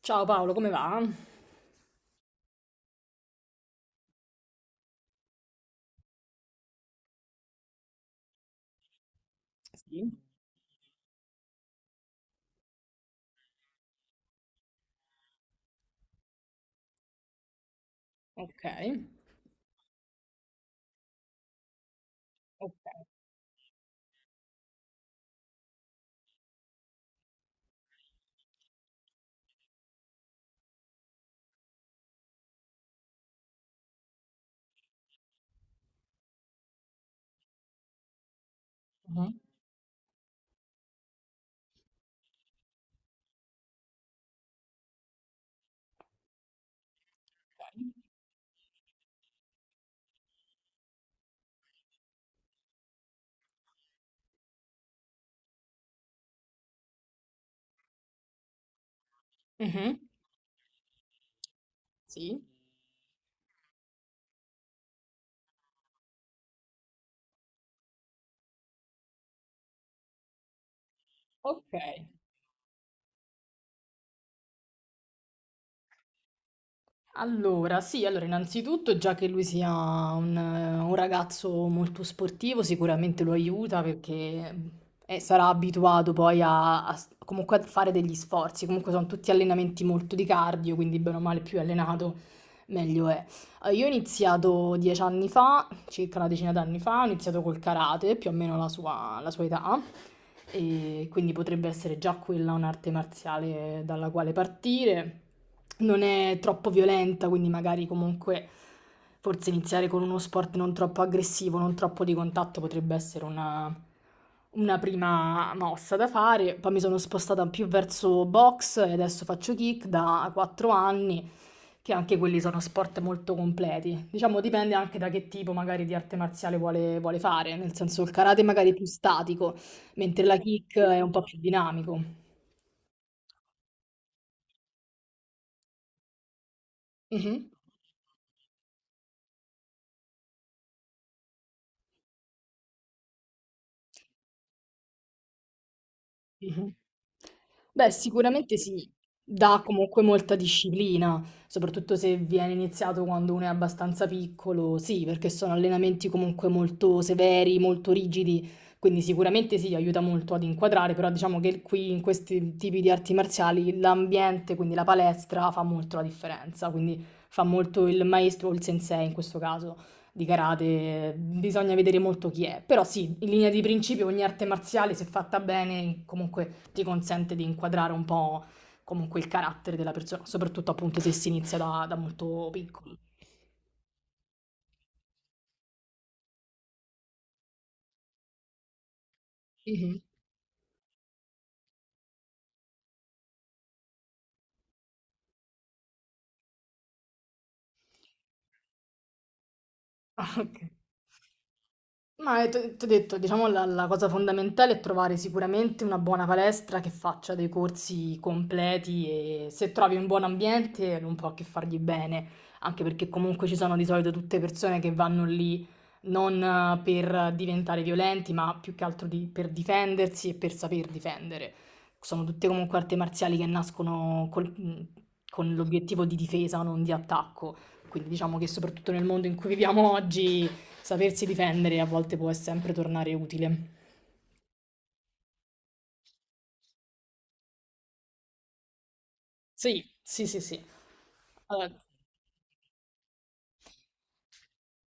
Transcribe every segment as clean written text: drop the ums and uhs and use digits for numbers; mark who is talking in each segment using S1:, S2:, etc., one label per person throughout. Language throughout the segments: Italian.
S1: Ciao Paolo, come va? Sì. Ok. Ok. Mhm. Sì. Ok. Allora, sì, allora innanzitutto già che lui sia un ragazzo molto sportivo, sicuramente lo aiuta perché sarà abituato poi comunque a fare degli sforzi, comunque sono tutti allenamenti molto di cardio, quindi bene o male più è allenato, meglio è. Io ho iniziato dieci anni fa, circa una decina d'anni fa, ho iniziato col karate, più o meno la sua età, e quindi potrebbe essere già quella un'arte marziale dalla quale partire. Non è troppo violenta, quindi magari comunque forse iniziare con uno sport non troppo aggressivo, non troppo di contatto potrebbe essere una prima mossa da fare. Poi mi sono spostata più verso box e adesso faccio kick da 4 anni, che anche quelli sono sport molto completi. Diciamo, dipende anche da che tipo magari di arte marziale vuole fare, nel senso il karate magari è più statico, mentre la kick è un po' più dinamico. Mhm. Mh-mh. Beh, sicuramente sì, dà comunque molta disciplina, soprattutto se viene iniziato quando uno è abbastanza piccolo. Sì, perché sono allenamenti comunque molto severi, molto rigidi, quindi sicuramente sì, aiuta molto ad inquadrare, però diciamo che qui in questi tipi di arti marziali l'ambiente, quindi la palestra, fa molto la differenza, quindi fa molto il maestro o il sensei in questo caso di karate, bisogna vedere molto chi è, però sì, in linea di principio ogni arte marziale, se fatta bene, comunque ti consente di inquadrare un po' comunque il carattere della persona, soprattutto appunto se si inizia da molto piccoli. Mhm. Ah, ok. Ma ti ho detto, diciamo la cosa fondamentale è trovare sicuramente una buona palestra che faccia dei corsi completi e se trovi un buon ambiente non può che fargli bene, anche perché comunque ci sono di solito tutte persone che vanno lì non per diventare violenti, ma più che altro per difendersi e per saper difendere. Sono tutte comunque arti marziali che con l'obiettivo di difesa, non di attacco. Quindi diciamo che soprattutto nel mondo in cui viviamo oggi sapersi difendere a volte può sempre tornare utile. Sì, sì, sì, sì. Allora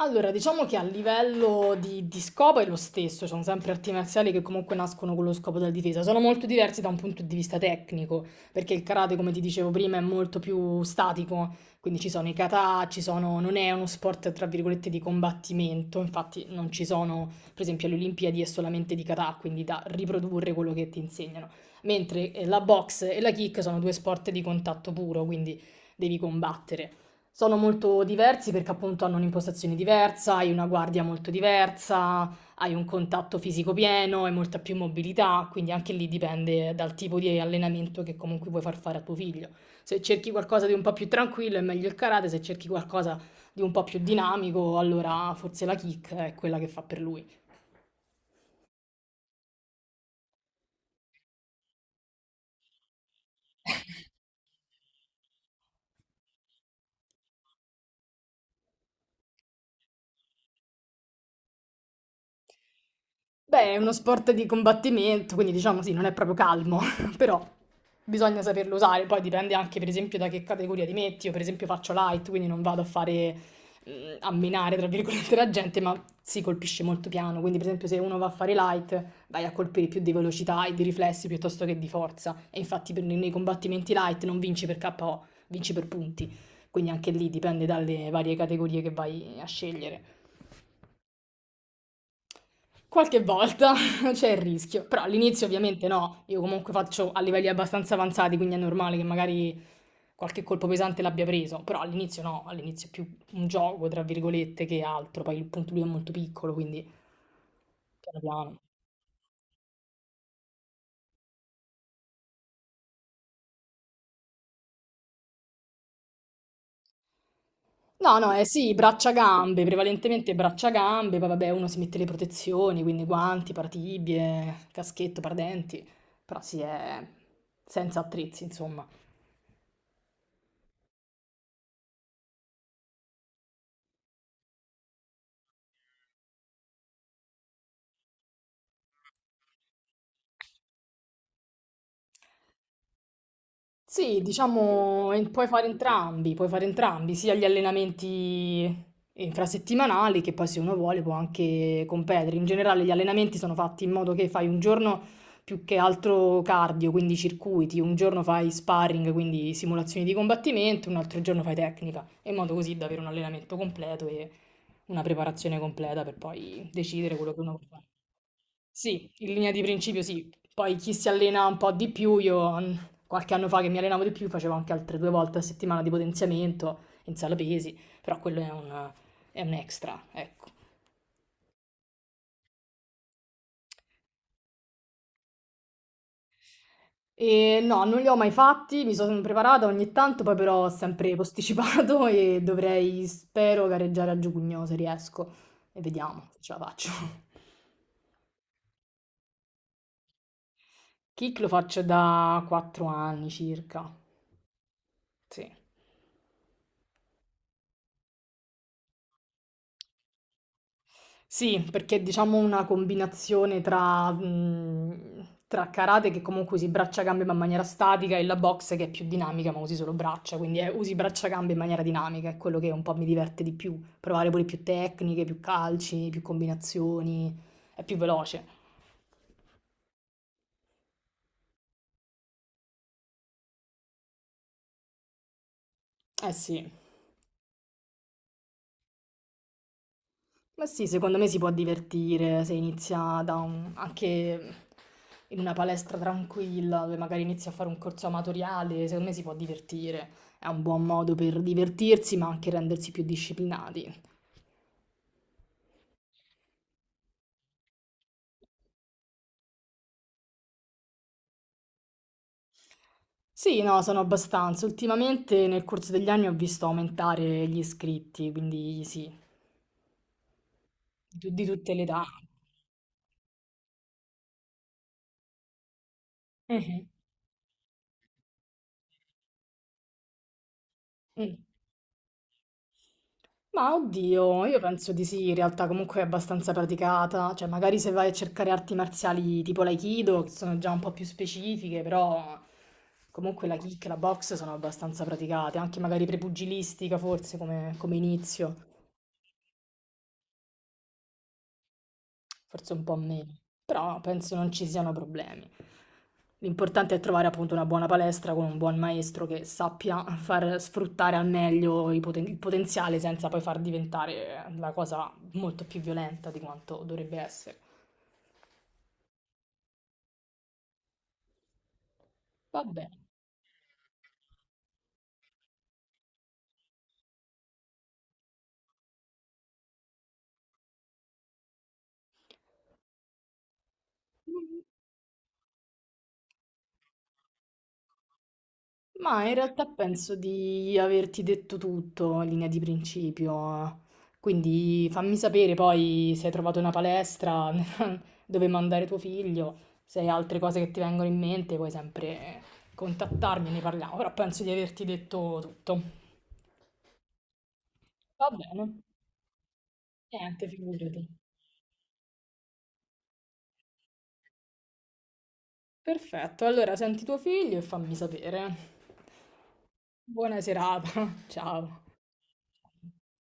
S1: Allora, diciamo che a livello di scopo è lo stesso, sono sempre arti marziali che comunque nascono con lo scopo della difesa, sono molto diversi da un punto di vista tecnico, perché il karate, come ti dicevo prima, è molto più statico, quindi ci sono i kata, ci sono, non è uno sport tra virgolette di combattimento, infatti non ci sono, per esempio alle Olimpiadi è solamente di kata, quindi da riprodurre quello che ti insegnano, mentre la box e la kick sono due sport di contatto puro, quindi devi combattere. Sono molto diversi perché appunto hanno un'impostazione diversa, hai una guardia molto diversa, hai un contatto fisico pieno, hai molta più mobilità, quindi anche lì dipende dal tipo di allenamento che comunque vuoi far fare a tuo figlio. Se cerchi qualcosa di un po' più tranquillo è meglio il karate, se cerchi qualcosa di un po' più dinamico, allora forse la kick è quella che fa per lui. Beh, è uno sport di combattimento, quindi diciamo sì, non è proprio calmo, però bisogna saperlo usare. Poi dipende anche, per esempio, da che categoria ti metti. Io, per esempio, faccio light, quindi non vado a fare mm, a minare, tra virgolette, la gente, ma si colpisce molto piano. Quindi, per esempio, se uno va a fare light, vai a colpire più di velocità e di riflessi piuttosto che di forza. E infatti, nei combattimenti light non vinci per KO, vinci per punti. Quindi anche lì dipende dalle varie categorie che vai a scegliere. Qualche volta c'è il rischio, però all'inizio ovviamente no, io comunque faccio a livelli abbastanza avanzati, quindi è normale che magari qualche colpo pesante l'abbia preso, però all'inizio no, all'inizio è più un gioco, tra virgolette, che altro, poi il punto lui è molto piccolo, quindi piano piano. No, no, eh sì, braccia-gambe, prevalentemente braccia-gambe, poi vabbè uno si mette le protezioni, quindi guanti, paratibie, caschetto, paradenti, però sì, è senza attrezzi, insomma. Sì, diciamo, e puoi fare entrambi, sia gli allenamenti infrasettimanali che poi se uno vuole può anche competere. In generale gli allenamenti sono fatti in modo che fai un giorno più che altro cardio, quindi circuiti, un giorno fai sparring, quindi simulazioni di combattimento, un altro giorno fai tecnica, in modo così da avere un allenamento completo e una preparazione completa per poi decidere quello che uno vuole fare. Sì, in linea di principio sì. Poi chi si allena un po' di più, io qualche anno fa che mi allenavo di più facevo anche altre due volte a settimana di potenziamento in sala pesi, però quello è un extra, ecco. E no, non li ho mai fatti, mi sono preparata ogni tanto, poi però ho sempre posticipato e dovrei, spero, gareggiare a giugno se riesco. E vediamo se ce la faccio. Kick lo faccio da 4 anni circa. Sì. Sì, perché è diciamo una combinazione tra, tra karate che comunque usi braccia-gambe ma in maniera statica e la box che è più dinamica ma usi solo braccia, quindi usi braccia-gambe in maniera dinamica, è quello che un po' mi diverte di più, provare pure più tecniche, più calci, più combinazioni, è più veloce. Eh sì. Ma sì, secondo me si può divertire se inizia anche in una palestra tranquilla, dove magari inizia a fare un corso amatoriale, secondo me si può divertire. È un buon modo per divertirsi, ma anche rendersi più disciplinati. Sì, no, sono abbastanza. Ultimamente nel corso degli anni ho visto aumentare gli iscritti, quindi sì, di tutte le età. Mhm. Mm. Ma oddio, io penso di sì, in realtà comunque è abbastanza praticata, cioè magari se vai a cercare arti marziali tipo l'aikido, che sono già un po' più specifiche, però comunque la kick e la box sono abbastanza praticate, anche magari prepugilistica forse come inizio. Forse un po' meno, però penso non ci siano problemi. L'importante è trovare appunto una buona palestra con un buon maestro che sappia far sfruttare al meglio i il potenziale senza poi far diventare la cosa molto più violenta di quanto dovrebbe essere. Va bene, ma in realtà penso di averti detto tutto in linea di principio. Quindi fammi sapere poi se hai trovato una palestra, dove mandare tuo figlio, se hai altre cose che ti vengono in mente puoi sempre contattarmi e ne parliamo, però penso di averti detto tutto. Va bene, niente, figurati. Perfetto, allora senti tuo figlio e fammi sapere. Buona serata, ciao.